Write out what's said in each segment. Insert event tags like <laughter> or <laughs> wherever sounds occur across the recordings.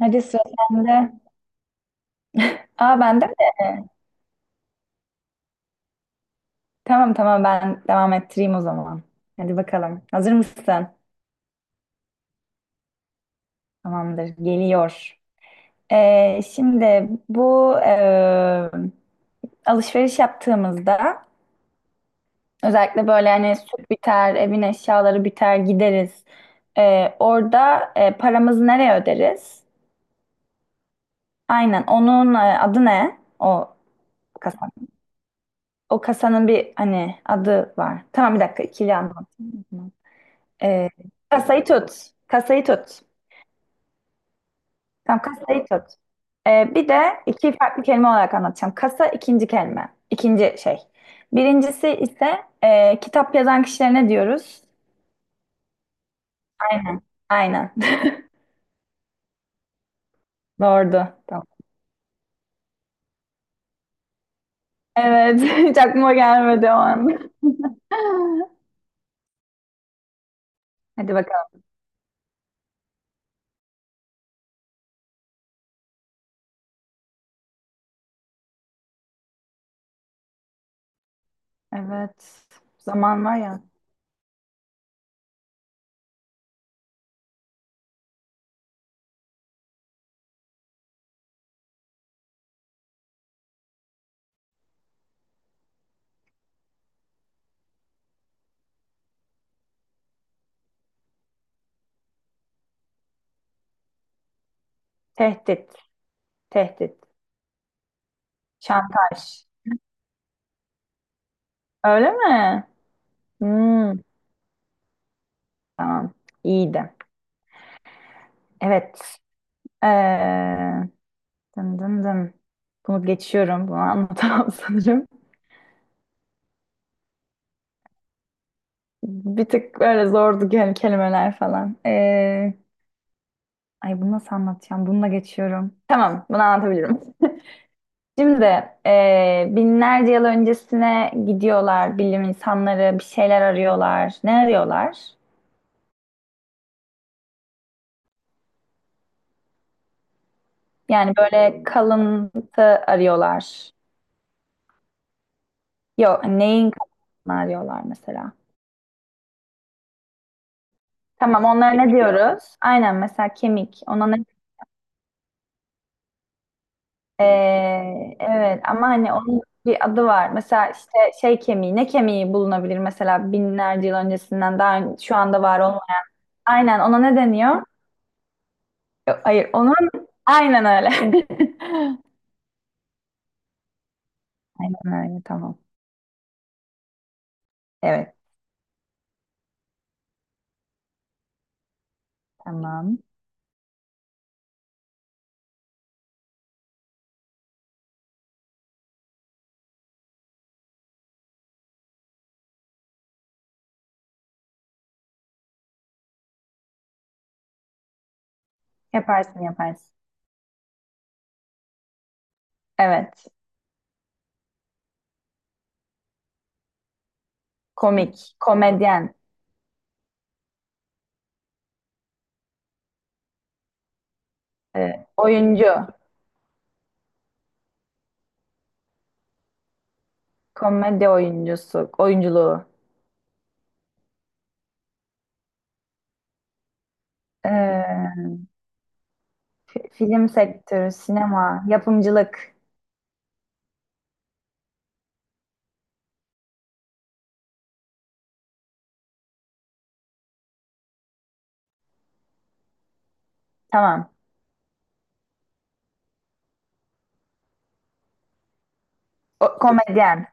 Hadi sıra sende. Aa, bende mi? Tamam, tamam, ben devam ettireyim o zaman. Hadi bakalım. Hazır mısın? Tamamdır. Geliyor. Şimdi bu alışveriş yaptığımızda özellikle böyle hani süt biter, evin eşyaları biter, gideriz. Orada paramızı nereye öderiz? Aynen. Onun adı ne? O kasa. O kasanın bir hani adı var. Tamam, bir dakika ikili anlatayım. Ee, Kasayı tut. Kasayı tut. Tamam, kasayı tut. Bir de iki farklı kelime olarak anlatacağım. Kasa ikinci kelime. İkinci şey. Birincisi ise kitap yazan kişilerine diyoruz. Aynen. Aynen. <laughs> Doğru. Tamam. Evet. <laughs> Hiç aklıma gelmedi o an. <laughs> Hadi bakalım. Evet. Zaman var ya. Tehdit. Tehdit. Şantaj. Öyle mi? Hmm, tamam. İyiydi. Evet. Ee, Dın dın dın. Bunu geçiyorum. Bunu anlatamam <laughs> sanırım. Bir tık böyle zordu yani kelimeler falan. Ay, bunu nasıl anlatacağım? Bununla geçiyorum. Tamam, bunu anlatabilirim. Şimdi binlerce yıl öncesine gidiyorlar. Bilim insanları bir şeyler arıyorlar. Ne arıyorlar? Yani böyle kalıntı arıyorlar. Yok, neyin kalıntısını arıyorlar mesela? Tamam, onlara ne diyoruz? Aynen mesela kemik. Ona ne evet, ama hani onun bir adı var. Mesela işte şey kemiği, ne kemiği bulunabilir mesela binlerce yıl öncesinden daha şu anda var olmayan. Aynen, ona ne deniyor? Yok, hayır onun aynen öyle. <laughs> Aynen öyle, tamam. Evet, tamam. Yaparsın, yaparsın. Evet. Komik, komedyen, oyuncu, komedi oyuncusu, oyunculuğu. Ee, film sektörü, sinema, yapımcılık. Tamam. O, komedyen.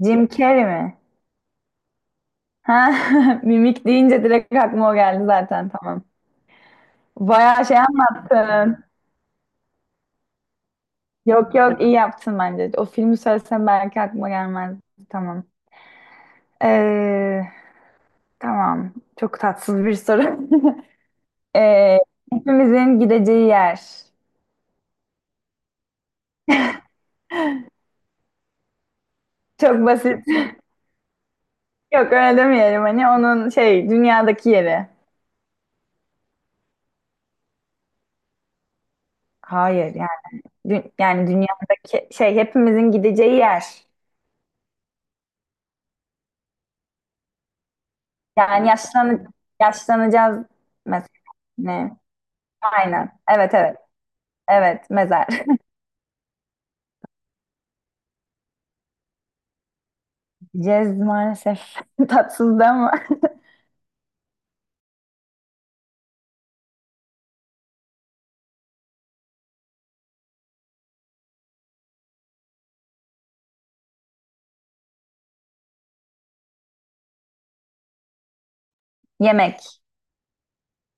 Jim Carrey mi? Ha, <laughs> mimik deyince direkt aklıma o geldi zaten, tamam. Bayağı şey anlattın. Yok yok, iyi yaptın bence. O filmi söylesem belki aklıma gelmez. Tamam. Ee, tamam. Çok tatsız bir soru. <laughs> Ee, Hepimizin gideceği yer. Çok basit. <laughs> Yok, öyle demeyelim hani onun şey dünyadaki yeri. Hayır, yani yani dünyadaki şey, hepimizin gideceği yer. Yani yaşlanacağız mesela. Ne? Aynen. Evet, evet. Evet, mezar. <laughs> Yiyeceğiz maalesef. <laughs> Tatsızdı ama. Yemek.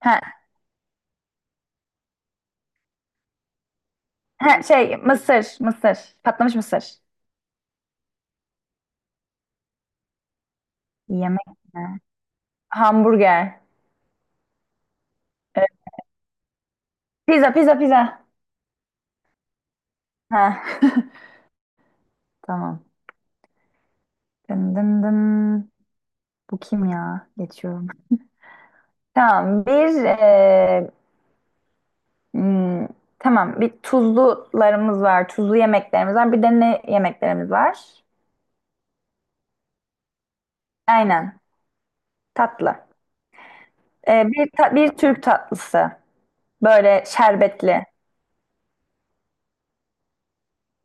Ha, ha, şey mısır. Mısır. Patlamış mısır. Yemek mi? Hamburger. Evet. Pizza, pizza, pizza. Ha. <laughs> Tamam. Dın dın dın. Bu kim ya? Geçiyorum. Tamam. Hmm, tamam. Bir tuzlularımız var. Tuzlu yemeklerimiz var. Bir de ne yemeklerimiz var? Aynen, tatlı. Bir Türk tatlısı. Böyle şerbetli.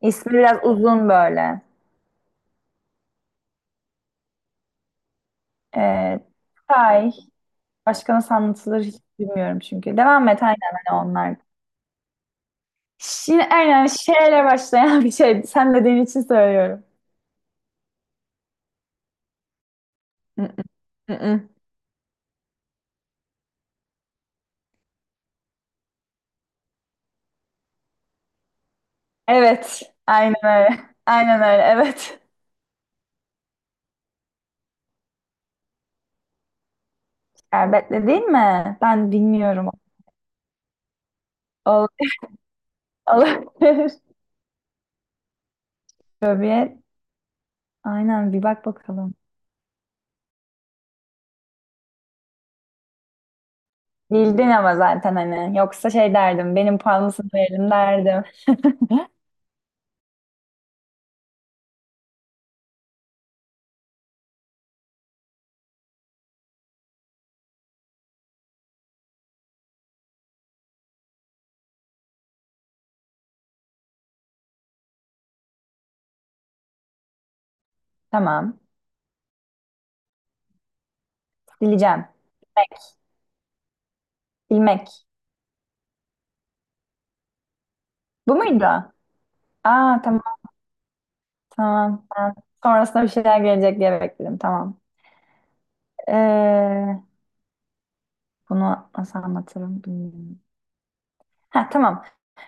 İsmi biraz uzun böyle. Ee, Tay. Başka nasıl anlatılır hiç bilmiyorum çünkü. Devam et aynen, hani onlar. Şimdi aynen şeyle başlayan <laughs> bir şey. Sen dediğin için söylüyorum. Mm, mm. Evet. Aynen öyle. Aynen öyle. Evet. Şerbetli değil mi? Ben bilmiyorum. Ol- <laughs> Olabilir. Şöbiyet. Aynen, bir bak bakalım. Bildin ama zaten hani. Yoksa şey derdim. Benim puanımsın verelim derdim. Tamam. Sileceğim. Bilmek. Bilmek. Bu muydu? Aa, tamam, tamam. Ben sonrasında bir şeyler gelecek diye bekledim. Tamam. Ee, bunu nasıl anlatırım bilmiyorum. Ha, tamam.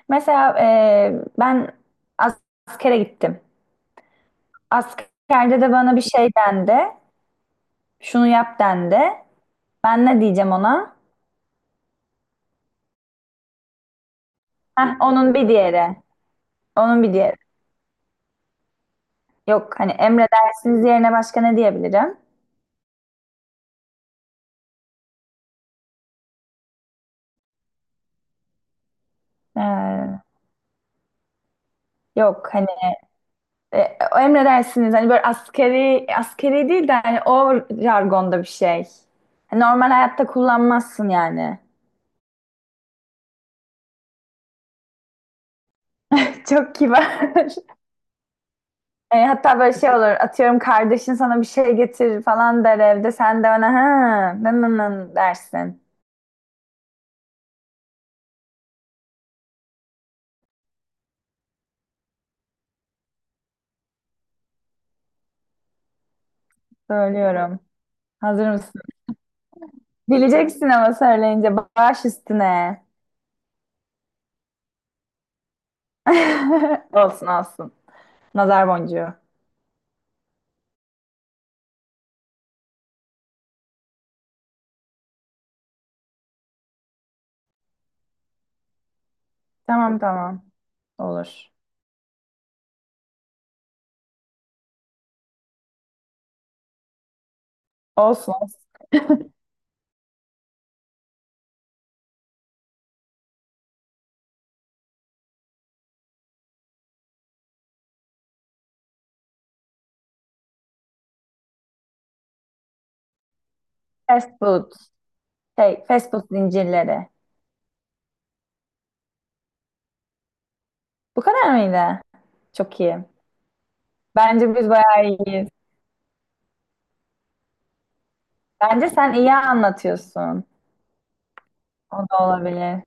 Mesela ben as- askere gittim. Askerde de bana bir şey dendi. Şunu yap dendi. Ben ne diyeceğim ona? Heh, onun bir diğeri. Onun bir diğeri. Yok hani emredersiniz yerine başka ne diyebilirim? Ee, yok hani o emredersiniz hani böyle askeri değil de hani o jargonda bir şey. Hani normal hayatta kullanmazsın yani. <laughs> Çok kibar. <laughs> E, hatta böyle şey olur, atıyorum kardeşin sana bir şey getirir falan der evde, sen de ona "ha nın nın nın" dersin. Söylüyorum. Hazır mısın? Bileceksin ama, söyleyince baş üstüne. <laughs> Olsun, olsun. Nazar boncuğu. Tamam, tamam. Olur. Olsun. Fast food. Şey, fast food zincirleri. Bu kadar mıydı? Çok iyi. Bence biz bayağı iyiyiz. Bence sen iyi anlatıyorsun. O da olabilir.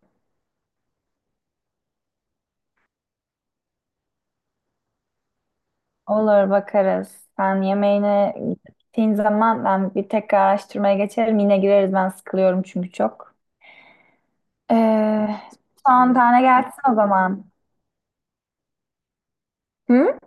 Olur, bakarız. Sen yemeğine gittiğin zaman ben bir tekrar araştırmaya geçerim. Yine gireriz. Ben sıkılıyorum çünkü çok. Ee, son tane gelsin o zaman. Hı?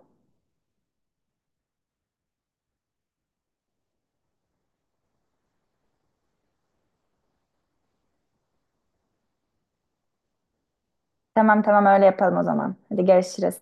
Tamam, tamam, öyle yapalım o zaman. Hadi görüşürüz.